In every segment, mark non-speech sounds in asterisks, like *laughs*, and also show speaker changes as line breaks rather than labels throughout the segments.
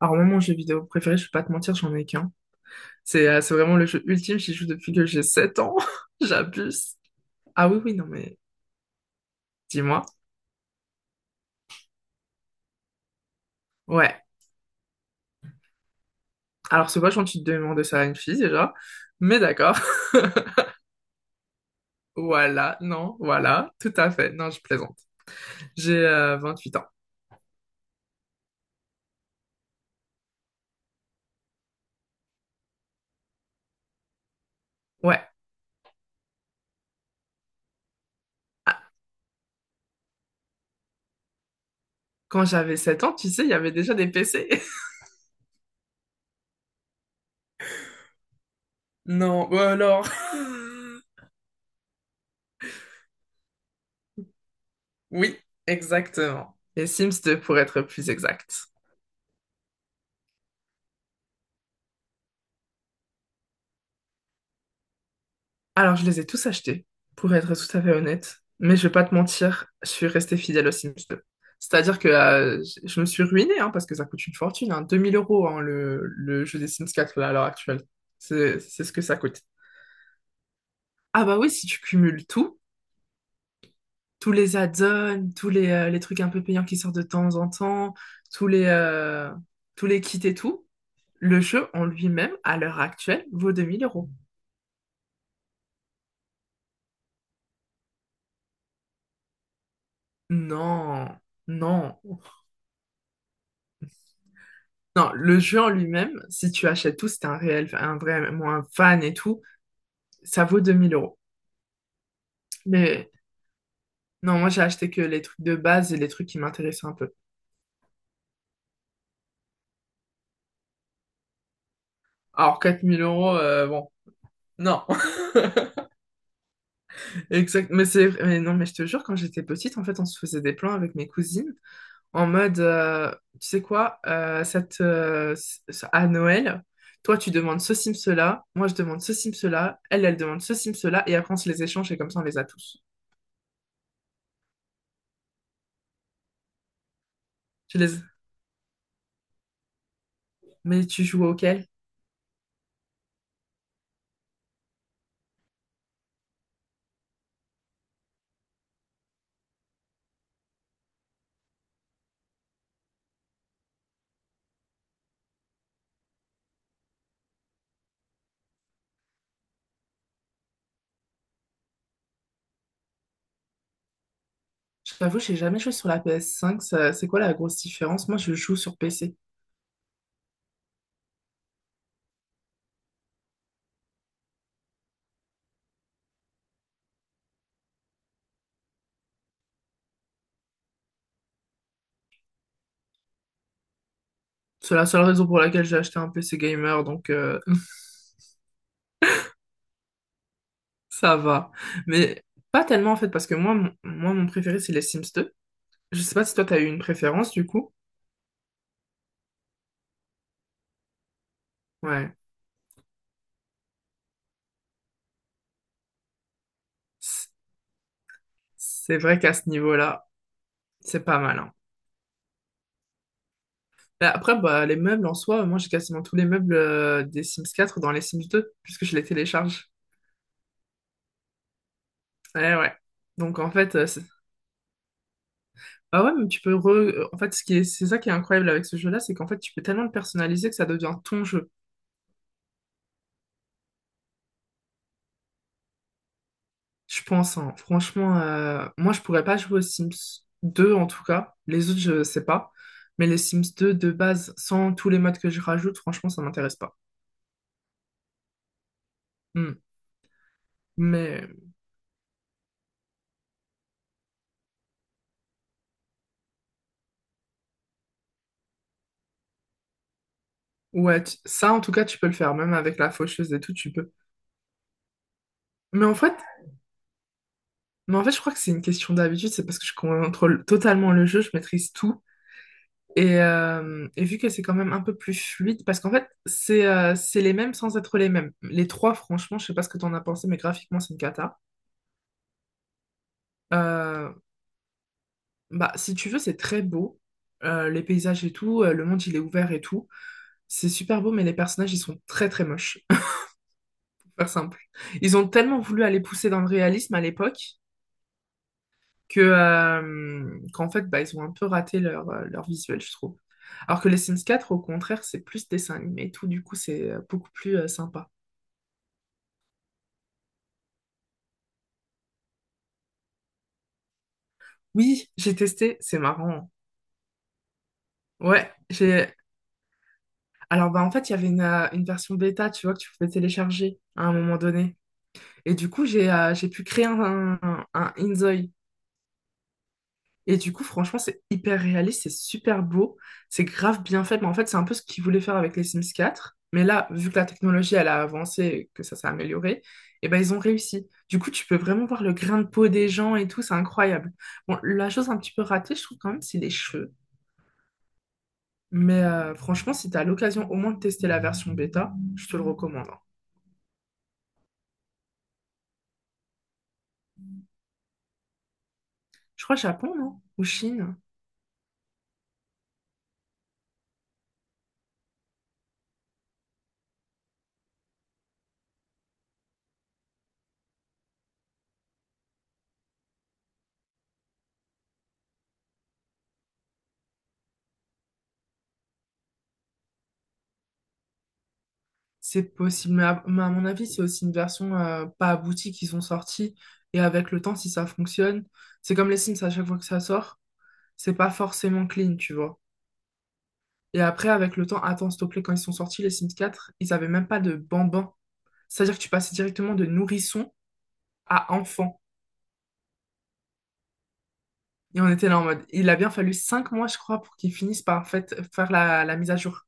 Alors, moi, mon jeu vidéo préféré, je vais pas te mentir, j'en ai qu'un. C'est vraiment le jeu ultime, j'y joue depuis que j'ai 7 ans. *laughs* J'abuse. Ah oui, oui, non, mais dis-moi. Ouais. Alors, c'est vachement tu te demandes ça à une fille déjà. Mais d'accord. *laughs* Voilà, non, voilà, tout à fait. Non, je plaisante. J'ai 28 ans. Ouais. Ah, quand j'avais 7 ans, tu sais, il y avait déjà des PC. *laughs* Non, ou alors. *laughs* Oui, exactement. Les Sims 2 pour être plus exact. Alors, je les ai tous achetés, pour être tout à fait honnête. Mais je vais pas te mentir, je suis restée fidèle aux Sims 2. C'est-à-dire que je me suis ruinée, hein, parce que ça coûte une fortune, hein, 2 000 €, hein, le jeu des Sims 4 là, à l'heure actuelle. C'est ce que ça coûte. Ah bah oui, si tu cumules tout, tous les add-ons, les trucs un peu payants qui sortent de temps en temps, tous les, euh, tous les kits et tout, le jeu en lui-même, à l'heure actuelle, vaut 2000 euros. Non, non. Non, le jeu en lui-même, si tu achètes tout, si t'es un réel, un vrai, moi, un fan et tout, ça vaut 2000 euros. Mais non, moi j'ai acheté que les trucs de base et les trucs qui m'intéressaient un peu. Alors 4000 euros, bon, non. *laughs* Exact, mais c'est, mais non, mais je te jure, quand j'étais petite, en fait, on se faisait des plans avec mes cousines en mode, tu sais quoi, à Noël, toi tu demandes ce sim cela, moi je demande ce sim cela, elle, elle demande ce sim cela, et après on se les échange et comme ça on les a tous. Je les... Mais tu joues auquel? Je t'avoue, j'ai jamais joué sur la PS5. C'est quoi la grosse différence? Moi, je joue sur PC. C'est la seule raison pour laquelle j'ai acheté un PC gamer, donc *laughs* ça va. Mais pas tellement en fait, parce que moi, mon préféré, c'est les Sims 2. Je sais pas si toi, t'as eu une préférence du coup. Ouais. C- C'est vrai qu'à ce niveau-là, c'est pas mal, hein. Mais après, bah, les meubles en soi, moi, j'ai quasiment tous les meubles des Sims 4 dans les Sims 2 puisque je les télécharge. Ouais, ouais. Donc en fait, ah ouais, mais tu peux re... En fait, ce qui est... c'est ça qui est incroyable avec ce jeu-là, c'est qu'en fait, tu peux tellement le personnaliser que ça devient ton jeu. Je pense, hein. Franchement, moi, je pourrais pas jouer aux Sims 2, en tout cas. Les autres, je sais pas. Mais les Sims 2, de base, sans tous les modes que je rajoute, franchement, ça m'intéresse pas. Hmm. Mais ouais, ça, en tout cas, tu peux le faire. Même avec la faucheuse et tout, tu peux. Mais en fait, mais en fait, je crois que c'est une question d'habitude. C'est parce que je contrôle totalement le jeu, je maîtrise tout. Et, et vu que c'est quand même un peu plus fluide, parce qu'en fait, c'est les mêmes sans être les mêmes. Les trois, franchement, je sais pas ce que t'en as pensé, mais graphiquement, c'est une cata. Euh, bah, si tu veux, c'est très beau. Les paysages et tout, le monde, il est ouvert et tout. C'est super beau, mais les personnages, ils sont très, très moches. *laughs* Pour faire simple. Ils ont tellement voulu aller pousser dans le réalisme à l'époque que, qu'en fait, bah, ils ont un peu raté leur visuel, je trouve. Alors que les Sims 4, au contraire, c'est plus dessin animé et tout, du coup, c'est beaucoup plus sympa. Oui, j'ai testé, c'est marrant. Ouais, j'ai. Alors, bah, en fait, il y avait une version bêta, tu vois, que tu pouvais télécharger à un moment donné. Et du coup, j'ai pu créer un Inzoi. Et du coup, franchement, c'est hyper réaliste, c'est super beau, c'est grave bien fait. Mais en fait, c'est un peu ce qu'ils voulaient faire avec les Sims 4. Mais là, vu que la technologie, elle a avancé, et que ça s'est amélioré, et ben, ils ont réussi. Du coup, tu peux vraiment voir le grain de peau des gens et tout, c'est incroyable. Bon, la chose un petit peu ratée, je trouve quand même, c'est les cheveux. Mais franchement, si tu as l'occasion au moins de tester la version bêta, je te le recommande, hein. Je crois Japon, non? Ou Chine? C'est possible. Mais à mon avis, c'est aussi une version pas aboutie qu'ils ont sortie. Et avec le temps, si ça fonctionne, c'est comme les Sims à chaque fois que ça sort, c'est pas forcément clean, tu vois. Et après, avec le temps, attends, s'il te plaît, quand ils sont sortis, les Sims 4, ils avaient même pas de bambin. C'est-à-dire que tu passais directement de nourrisson à enfant. Et on était là en mode, il a bien fallu 5 mois, je crois, pour qu'ils finissent par faire la mise à jour.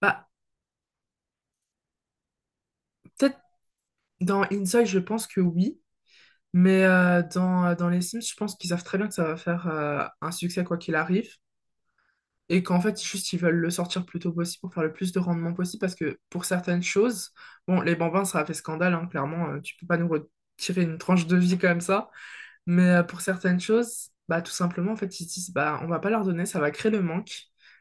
Bah, peut-être dans Inside, je pense que oui, mais dans les Sims, je pense qu'ils savent très bien que ça va faire un succès quoi qu'il arrive, et qu'en fait, juste, ils veulent le sortir le plus tôt possible pour faire le plus de rendement possible, parce que pour certaines choses, bon, les bambins, ça a fait scandale, hein, clairement, tu peux pas nous retirer une tranche de vie comme ça, mais pour certaines choses, bah, tout simplement, en fait, ils se disent, bah, on va pas leur donner, ça va créer le manque,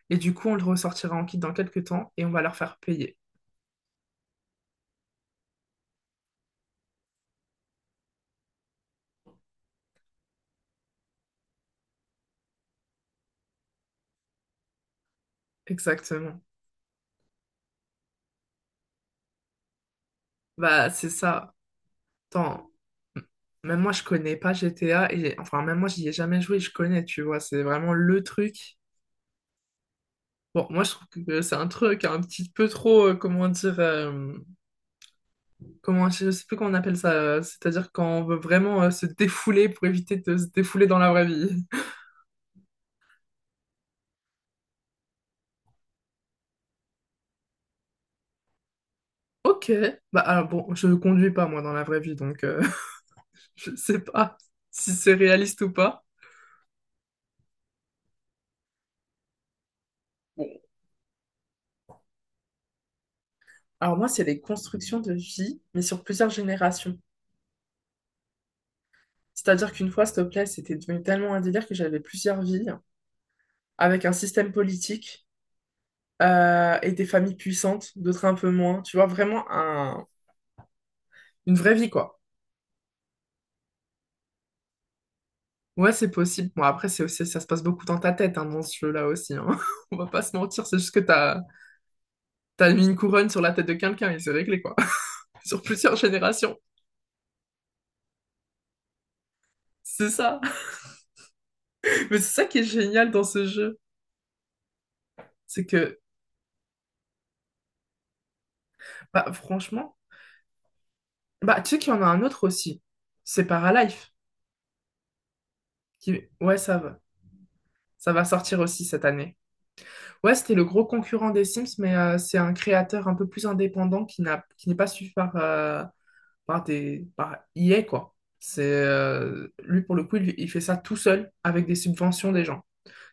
et du coup, on le ressortira en kit dans quelques temps, et on va leur faire payer. Exactement. Bah, c'est ça. Attends, m- même moi je connais pas GTA et enfin même moi j'y ai jamais joué, je connais, tu vois, c'est vraiment le truc. Bon, moi je trouve que c'est un truc un petit peu trop, comment dire, comment je sais plus comment on appelle ça, c'est-à-dire quand on veut vraiment se défouler pour éviter de se défouler dans la vraie vie. *laughs* Ok, bah alors bon, je ne conduis pas moi dans la vraie vie, donc *laughs* je sais pas si c'est réaliste ou pas. Bon, alors moi c'est des constructions de vie, mais sur plusieurs générations. C'est-à-dire qu'une fois, s'il te plaît, c'était devenu tellement un délire que j'avais plusieurs vies avec un système politique et des familles puissantes, d'autres un peu moins. Tu vois, vraiment une vraie vie, quoi. Ouais, c'est possible. Bon, après, c'est aussi, ça se passe beaucoup dans ta tête, hein, dans ce jeu-là aussi, hein. *laughs* On va pas se mentir, c'est juste que t'as mis une couronne sur la tête de quelqu'un et c'est réglé, quoi. *laughs* Sur plusieurs générations. C'est ça. *laughs* Mais c'est ça qui est génial dans ce jeu. C'est que, bah, franchement, bah, tu sais qu'il y en a un autre aussi. C'est Paralife. Qui... Ouais, ça va. Ça va sortir aussi cette année. Ouais, c'était le gros concurrent des Sims, mais c'est un créateur un peu plus indépendant qui n'est pas suivi par, par EA, quoi. C'est, lui, pour le coup, il fait ça tout seul avec des subventions des gens.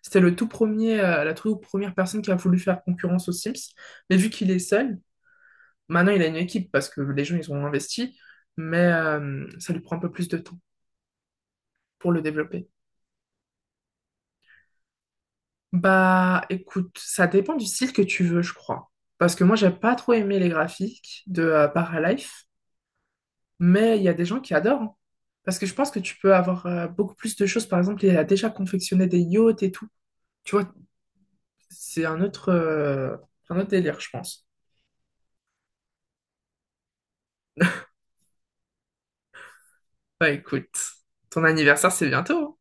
C'était le tout premier, la toute première personne qui a voulu faire concurrence aux Sims. Mais vu qu'il est seul, maintenant il a une équipe parce que les gens, ils ont investi, mais ça lui prend un peu plus de temps pour le développer. Bah, écoute, ça dépend du style que tu veux, je crois. Parce que moi, j'ai pas trop aimé les graphiques de Paralife, mais il y a des gens qui adorent, hein. Parce que je pense que tu peux avoir beaucoup plus de choses. Par exemple, il a déjà confectionné des yachts et tout. Tu vois, c'est un autre délire, je pense. Bah, écoute, ton anniversaire, c'est bientôt, hein.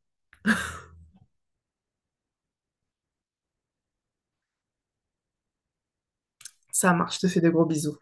Ça marche, je te fais des gros bisous.